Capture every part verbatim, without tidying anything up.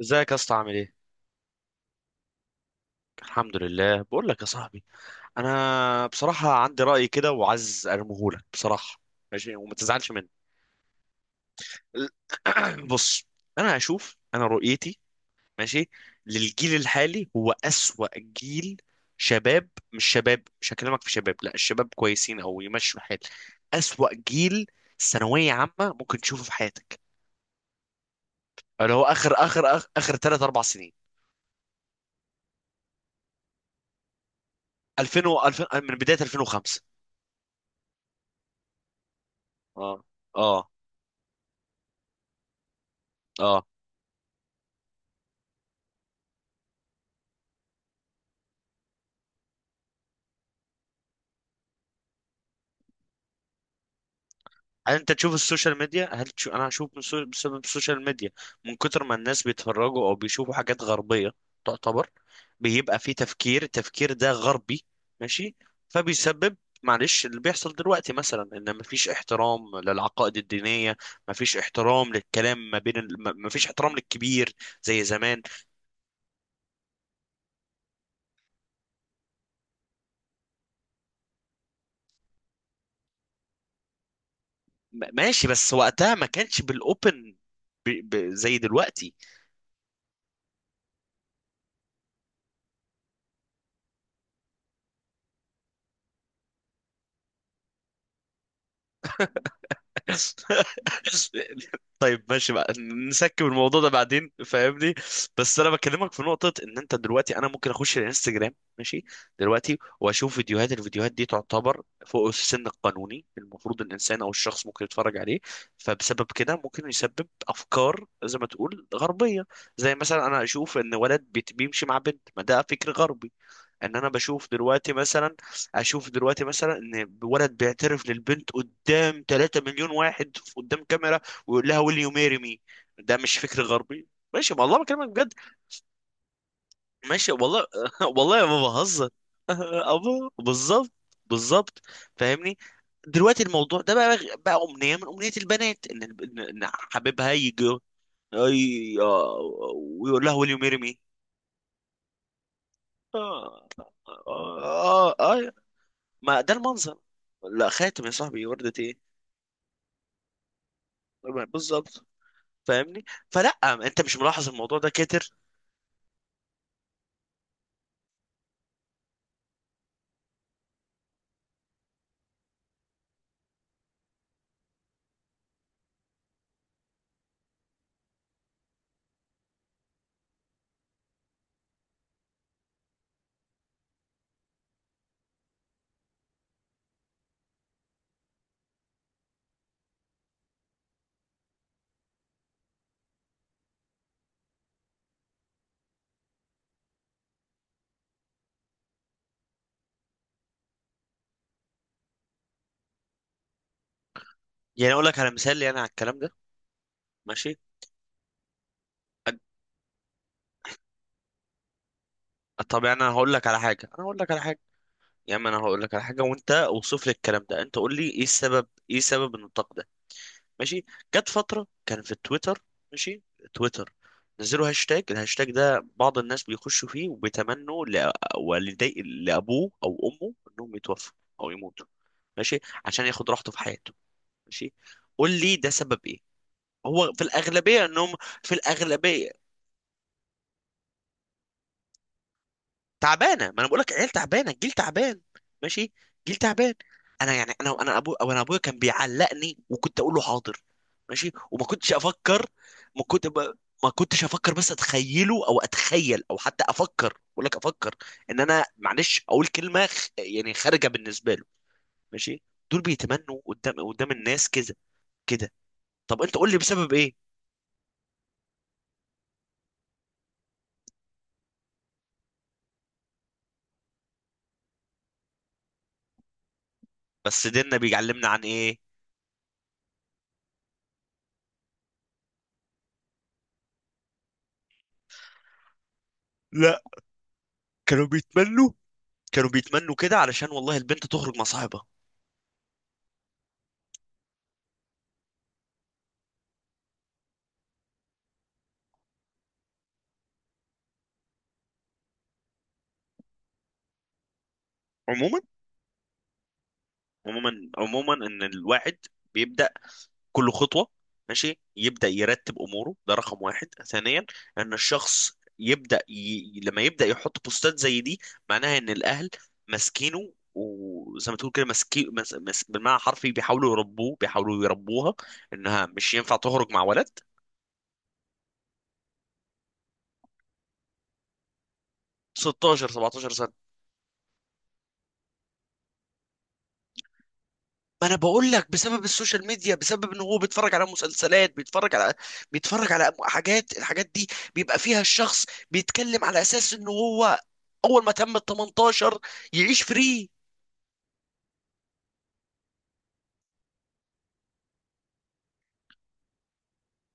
ازيك يا اسطى، عامل ايه؟ الحمد لله، بقول لك يا صاحبي، انا بصراحه عندي راي كده وعايز ارميه لك بصراحه. ماشي، وما تزعلش مني. ال- بص. انا هشوف انا رؤيتي، ماشي، للجيل الحالي هو اسوأ جيل. شباب مش شباب مش هكلمك في شباب، لا الشباب كويسين او يمشوا الحال. اسوأ جيل ثانويه عامه ممكن تشوفه في حياتك. اللي هو اخر اخر اخر, آخر ثلاثة أربعة سنين، ألفين و ألفين من بدايه ألفين وخمسة. اه. اه. اه. هل انت تشوف السوشيال ميديا هل تشوف انا هشوف من سو... بسبب السوشيال ميديا، من كتر ما الناس بيتفرجوا او بيشوفوا حاجات غربية، تعتبر بيبقى في تفكير التفكير ده غربي. ماشي. فبيسبب، معلش، اللي بيحصل دلوقتي مثلا ان مفيش احترام للعقائد الدينية، مفيش احترام للكلام ما بين ال... م- مفيش احترام للكبير زي زمان. م- ماشي، بس وقتها ما كانش بالاوبن ب... ب... زي دلوقتي. طيب ماشي بقى، نسكب الموضوع ده بعدين، فاهمني؟ بس انا بكلمك في نقطة، ان انت دلوقتي انا ممكن اخش الانستجرام، ماشي، دلوقتي واشوف فيديوهات، الفيديوهات دي تعتبر فوق السن القانوني المفروض الانسان او الشخص ممكن يتفرج عليه. فبسبب كده ممكن يسبب افكار زي ما تقول غربية. زي مثلا انا اشوف ان ولد بيت- بيمشي مع بنت، ما ده فكر غربي. ان انا بشوف دلوقتي مثلا، اشوف دلوقتي مثلا، ان ولد بيعترف للبنت قدام 3 مليون واحد قدام كاميرا ويقول لها will you marry me. ده مش فكر غربي. ماشي والله، بكلمك بجد. ماشي والله، والله ما بهزر. ابو، بالظبط، بالظبط، فاهمني؟ دلوقتي الموضوع ده بقى، بقى امنيه من امنيه البنات ان إن- إن حبيبها يجي، أي... آه، ويقول لها will you marry me. اه. اه. اه، ما ده المنظر. لا خاتم يا صاحبي، وردة ايه؟ بالظبط. فاهمني؟ فلا، انت مش ملاحظ الموضوع ده كتر؟ يعني اقول لك على مثال لي انا على الكلام ده. ماشي. أج- طب يعني انا هقول لك على حاجه انا هقول لك على حاجه. يا عم انا هقول لك على حاجه، وانت اوصف لي الكلام ده. انت قول لي ايه السبب، ايه سبب ان التقدير؟ ماشي. جت فترة كان في تويتر، ماشي، تويتر، نزلوا هاشتاج، الهاشتاج ده بعض الناس بيخشوا فيه وبيتمنوا لأ- والدي لأبوه أو أمه إنهم يتوفوا أو يموتوا، ماشي، عشان ياخد راحته في حياته. ماشي. قول لي ده سبب إيه؟ هو في الأغلبية إنهم، في الأغلبية تعبانه. ما انا بقول لك، عيال تعبانه، الجيل تعبان. ماشي، جيل تعبان. انا يعني انا انا ابو او انا ابويا كان بيعلقني وكنت اقول له حاضر. ماشي، وما كنتش افكر. ما كنت ب... ما كنتش افكر، بس اتخيله او اتخيل او حتى افكر، بقول لك افكر، ان انا معلش اقول كلمه خ... يعني خارجه بالنسبه له. ماشي. دول بيتمنوا قدام قدام الناس كده، كده. طب انت قول لي بسبب ايه؟ بس ديننا بيعلمنا عن ايه؟ لا، كانوا بيتمنوا، كانوا بيتمنوا كده علشان والله البنت تخرج مع صاحبها. عموما، عموما عموما ان الواحد بيبدا كل خطوه، ماشي، يبدا يرتب اموره، ده رقم واحد. ثانيا، ان الشخص يبدا ي... لما يبدا يحط بوستات زي دي، معناها ان الاهل ماسكينه، وزي ما تقول كده ماسكين مس... مس... بالمعنى الحرفي بيحاولوا يربوه بيحاولوا يربوها انها مش ينفع تخرج مع ولد ستة عشر سبعة عشر سنه. ما انا بقول لك بسبب السوشيال ميديا، بسبب ان هو بيتفرج على مسلسلات، بيتفرج على بيتفرج على حاجات الحاجات دي بيبقى فيها الشخص بيتكلم على اساس ان هو اول ما تم ال التمنتاشر يعيش فري.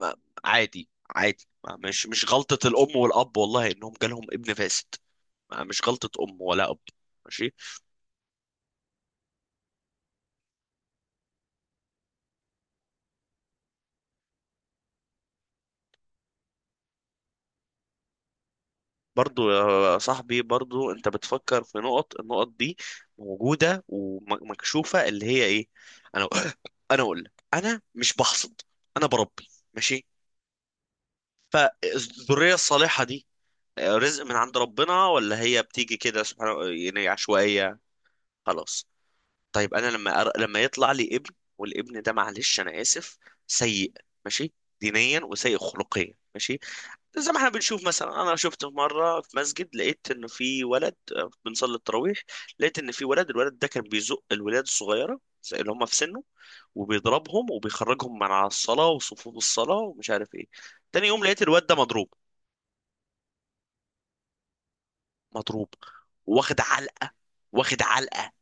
ما- عادي عادي، ما- مش مش غلطة الام والاب، والله انهم جالهم ابن فاسد. ما- مش غلطة ام ولا اب. ماشي. برضو يا صاحبي، برضو انت بتفكر في نقط النقط دي موجودة ومكشوفة، اللي هي ايه؟ انا انا اقول لك، انا مش بحصد، انا بربي، ماشي. فالذرية الصالحة دي رزق من عند ربنا، ولا هي بتيجي كده سبحان، يعني عشوائية؟ خلاص. طيب انا لما أر... لما يطلع لي ابن، والابن ده معلش انا اسف، سيء، ماشي، دينيا وسيء خلقيا، ماشي. زي ما احنا بنشوف مثلا، انا شفته مره في مسجد، لقيت انه في ولد، آه، بنصلي التراويح، لقيت ان في ولد الولد ده كان بيزق الولاد الصغيره زي اللي هم في سنه، وبيضربهم وبيخرجهم من على الصلاه وصفوف الصلاه ومش عارف ايه. تاني يوم لقيت الواد ده مضروب. مضروب. واخد علقه. واخد علقه.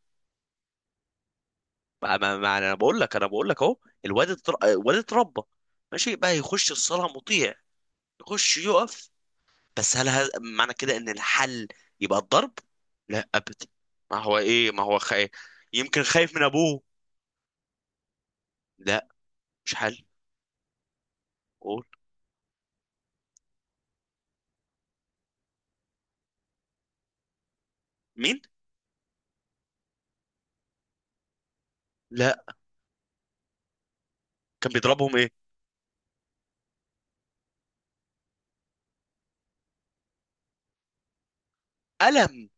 ما, ما, ما انا بقول لك، انا بقول لك اهو. الواد اتر- آه، الواد اتربى، ماشي، بقى يخش الصلاه مطيع، يخش يقف. بس هل هذا معنى كده ان الحل يبقى الضرب؟ لا ابدا. ما هو ايه، ما هو خايف، يمكن خايف من ابوه. لا، مش حل. قول. مين؟ لا، كان بيضربهم ايه؟ قلم؟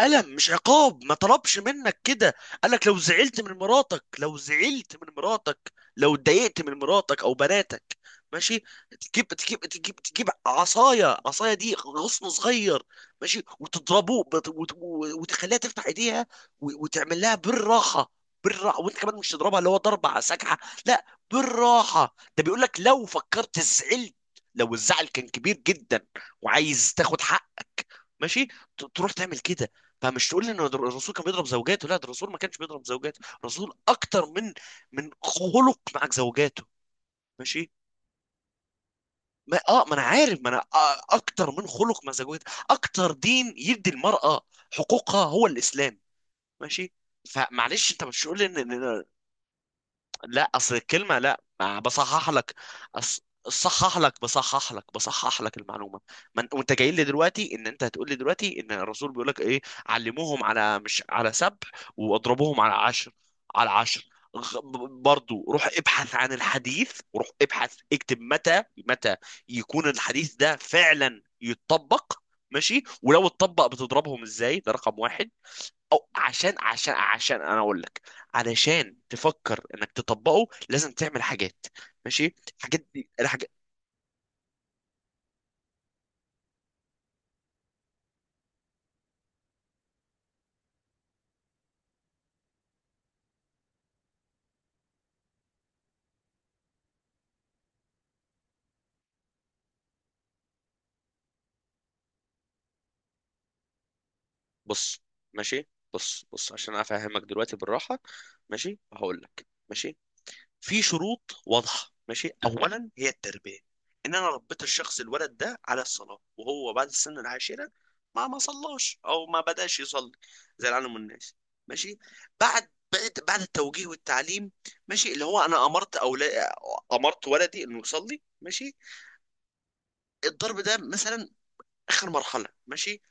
ألم مش عقاب. ما طلبش منك كده، قالك لو زعلت من مراتك، لو زعلت من مراتك لو اتضايقت من مراتك أو بناتك، ماشي، تجيب تجيب تجيب تجيب عصاية عصاية دي غصن صغير، ماشي، وتضربوه بت- وت- و- وتخليها تفتح ايديها، و- وتعمل لها بالراحة. بالراحة، وانت كمان مش تضربها اللي هو ضربة على سكعة. لا، بالراحة. ده بيقول لك لو فكرت زعلت، لو الزعل كان كبير جدا، وعايز تاخد حقك، ماشي، ت- تروح تعمل كده. فمش تقول لي ان در- الرسول كان بيضرب زوجاته. لا، ده الرسول ما كانش بيضرب زوجاته. الرسول اكتر من من خلق مع زوجاته. ماشي. ما اه ما انا عارف ما انا آه اكتر من خلق مع زوجاته، اكتر دين يدي المرأة حقوقها هو الاسلام. ماشي. فمعلش، انت مش تقول لي ان، إن- لا، اصل الكلمه، لا، ما بصحح لك. أص... صحح لك، بصحح لك بصحح لك المعلومه. من... وانت جاي لي دلوقتي، ان انت هتقول لي دلوقتي ان الرسول بيقول لك ايه. علموهم على، مش على سبع، واضربوهم على عشر. على عشر. غ... برضو روح ابحث عن الحديث، وروح ابحث اكتب متى، متى يكون الحديث ده فعلا يتطبق. ماشي، ولو اتطبق بتضربهم ازاي؟ ده رقم واحد. او عشان عشان عشان انا اقول لك، علشان تفكر انك تطبقه لازم تعمل حاجات، ماشي، الحاجات دي الحاجات. بص. ماشي. بص بص عشان افهمك دلوقتي بالراحه، ماشي، هقول لك. ماشي، في شروط واضحة. ماشي، أولا هي التربية، إن أنا ربيت الشخص، الولد ده على الصلاة، وهو بعد السن العاشرة ما ما صلاش أو ما بدأش يصلي زي العالم والناس. ماشي، بعد بعد بعد التوجيه والتعليم، ماشي، اللي هو أنا أمرت، أولا أمرت ولدي إنه يصلي. ماشي. الضرب ده مثلا آخر مرحلة. ماشي،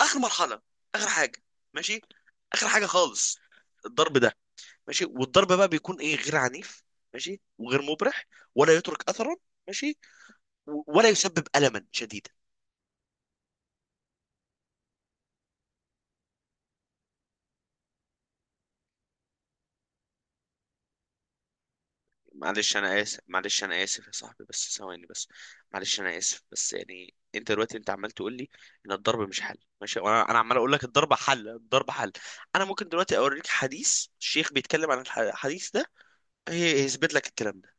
آخر مرحلة، آخر حاجة، ماشي، آخر حاجة خالص، الضرب ده. ماشي. والضرب بقى بيكون ايه؟ غير عنيف، ماشي، وغير مبرح، ولا يترك اثرا، ماشي، و- ولا يسبب الما شديدا. معلش انا اسف، معلش انا اسف يا صاحبي، بس ثواني بس. معلش انا اسف، بس يعني انت دلوقتي، انت عمال تقول لي ان الضرب مش حل، ماشي، وانا انا عمال اقول لك الضرب حل، الضرب حل. انا ممكن دلوقتي اوريك حديث الشيخ بيتكلم عن الح- الحديث ده، هي- هيثبت لك الكلام ده.